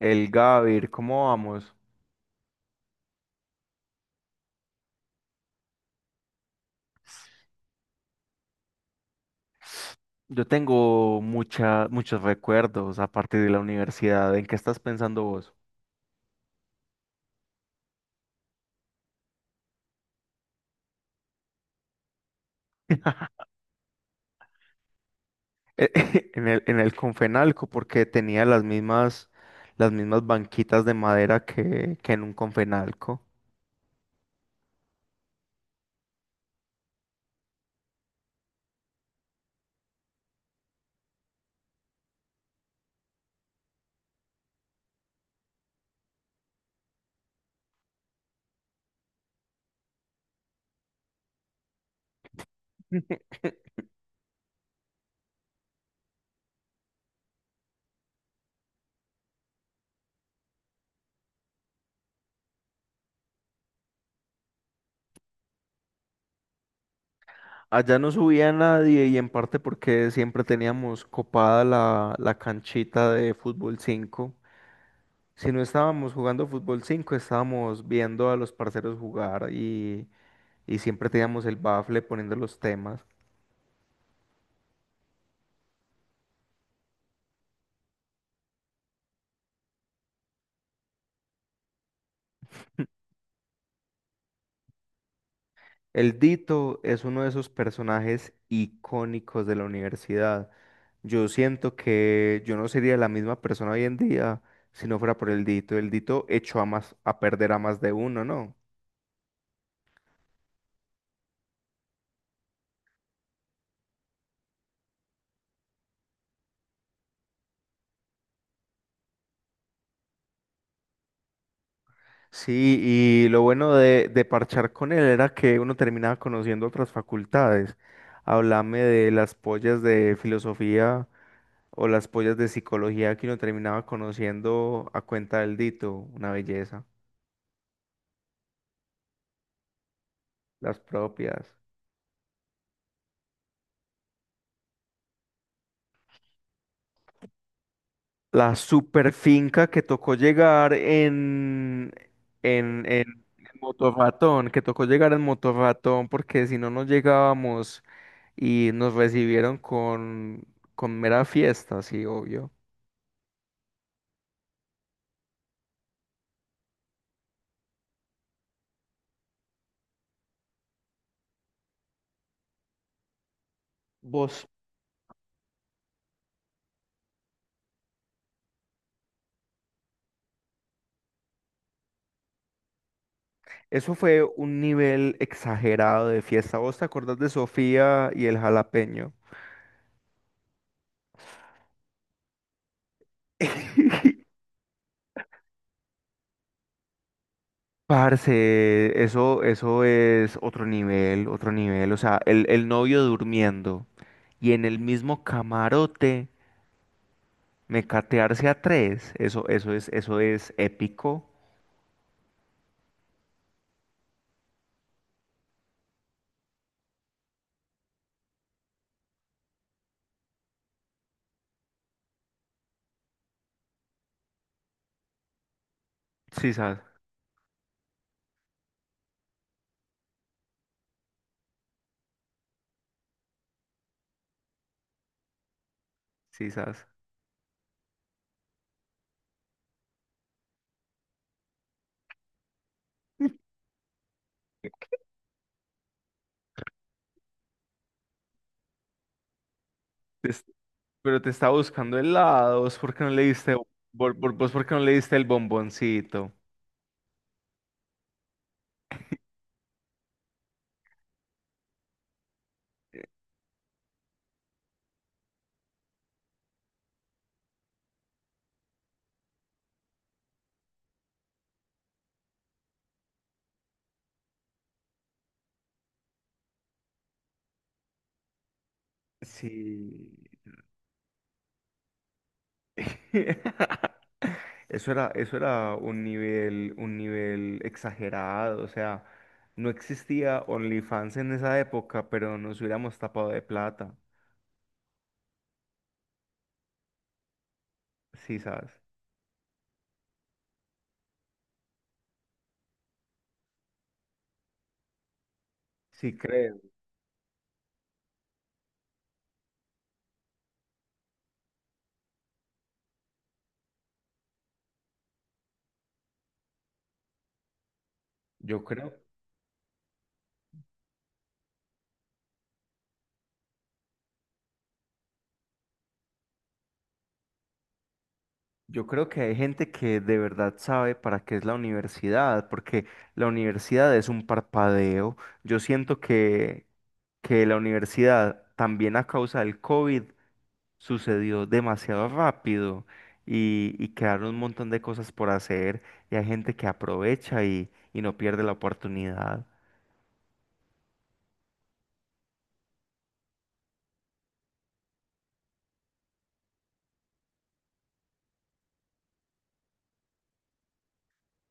El Gavir, ¿cómo vamos? Yo tengo muchos recuerdos a partir de la universidad. ¿En qué estás pensando vos? Eh, en el Confenalco, porque tenía las mismas banquitas de madera que en un Confenalco. Mm. Allá no subía nadie y en parte porque siempre teníamos copada la canchita de fútbol 5. Si no estábamos jugando fútbol 5 estábamos viendo a los parceros jugar, y siempre teníamos el bafle poniendo los temas. El Dito es uno de esos personajes icónicos de la universidad. Yo siento que yo no sería la misma persona hoy en día si no fuera por el Dito. El Dito echó a perder a más de uno, ¿no? Sí, y lo bueno de parchar con él era que uno terminaba conociendo otras facultades. Háblame de las pollas de filosofía o las pollas de psicología que uno terminaba conociendo a cuenta del Dito, una belleza, las propias. La super finca que tocó llegar en, en, en Motorratón, que tocó llegar en Motorratón porque si no, no llegábamos y nos recibieron con mera fiesta, sí, obvio. Vos, eso fue un nivel exagerado de fiesta. ¿Vos te acordás de Sofía y el jalapeño? Parce, eso es otro nivel, otro nivel. O sea, el novio durmiendo y en el mismo camarote mecatearse a 3. Eso es épico. Sí, sas, sí, sas. Te es- Pero te está buscando helados, ¿por qué no le diste, vos por qué no le diste el bomboncito? Sí. Eso era un nivel exagerado, o sea, no existía OnlyFans en esa época, pero nos hubiéramos tapado de plata, sí, ¿sabes? Sí creo. Yo creo. Yo creo que hay gente que de verdad sabe para qué es la universidad, porque la universidad es un parpadeo. Yo siento que la universidad también a causa del COVID sucedió demasiado rápido y quedaron un montón de cosas por hacer y hay gente que aprovecha y no pierde la oportunidad.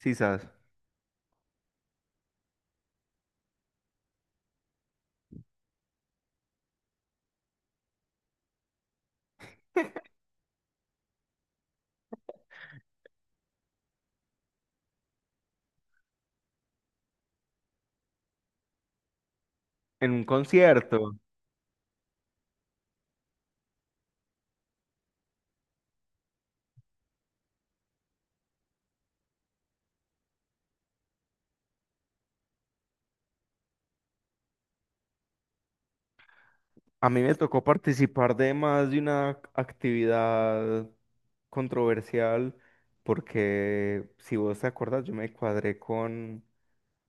Quizás en un concierto. A mí me tocó participar de más de una actividad controversial porque, si vos te acuerdas, yo me cuadré con,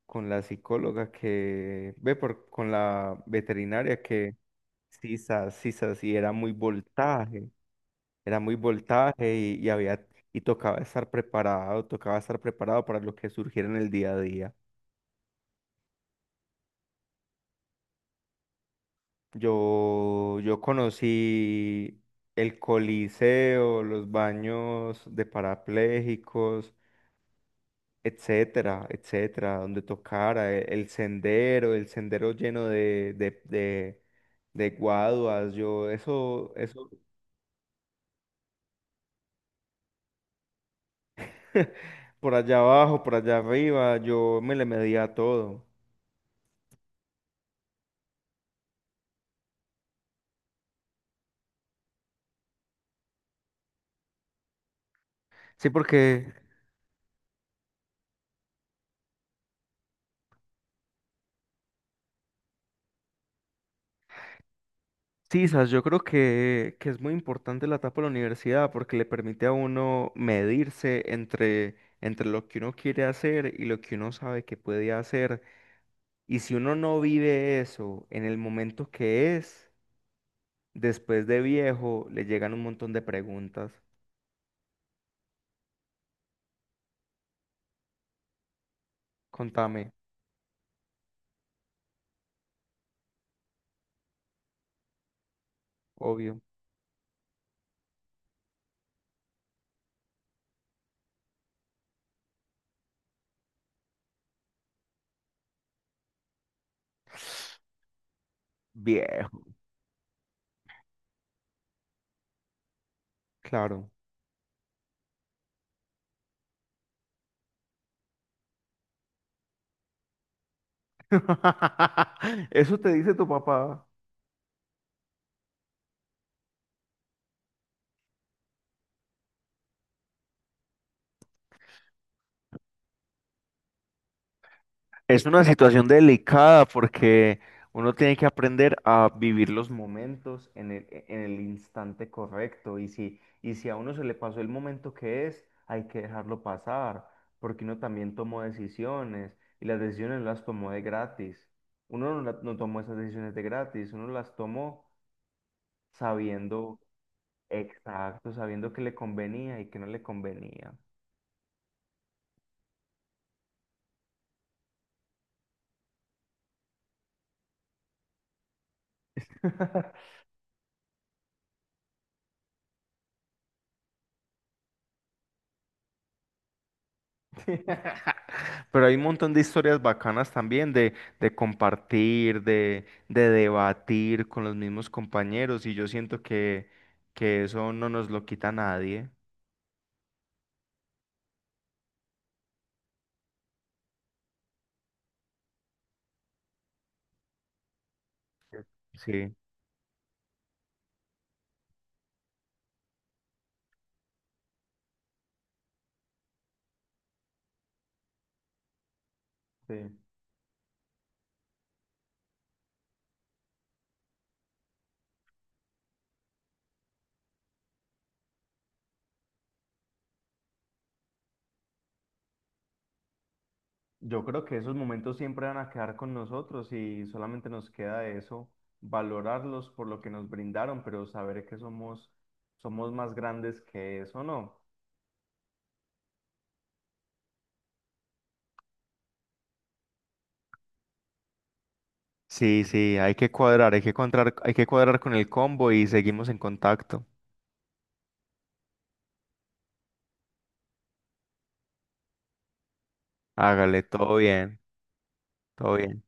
con la psicóloga con la veterinaria que, sisas, sisas, y era muy voltaje y tocaba estar preparado para lo que surgiera en el día a día. Yo conocí el Coliseo, los baños de parapléjicos, etcétera, etcétera, donde tocara, sendero, el sendero lleno de guaduas, eso, por allá abajo, por allá arriba, yo me le medía a todo. Sí, porque sí, sas, yo creo que es muy importante la etapa de la universidad porque le permite a uno medirse entre lo que uno quiere hacer y lo que uno sabe que puede hacer. Y si uno no vive eso en el momento que es, después de viejo, le llegan un montón de preguntas. Contame, obvio. Viejo, claro. Eso te dice tu papá. Es una situación delicada porque uno tiene que aprender a vivir los momentos en en el instante correcto y si a uno se le pasó el momento que es, hay que dejarlo pasar porque uno también tomó decisiones y las decisiones las tomó de gratis. Uno no, la- no tomó esas decisiones de gratis, uno las tomó sabiendo exacto, sabiendo que le convenía y que no le convenía. Pero hay un montón de historias bacanas también de compartir, de debatir con los mismos compañeros y yo siento que eso no nos lo quita nadie. Sí. Sí. Yo creo que esos momentos siempre van a quedar con nosotros y solamente nos queda eso, valorarlos por lo que nos brindaron, pero saber que somos más grandes que eso, ¿no? Sí, sí, hay que cuadrar, hay que cuadrar, hay que cuadrar con el combo y seguimos en contacto. Hágale, todo bien, todo bien.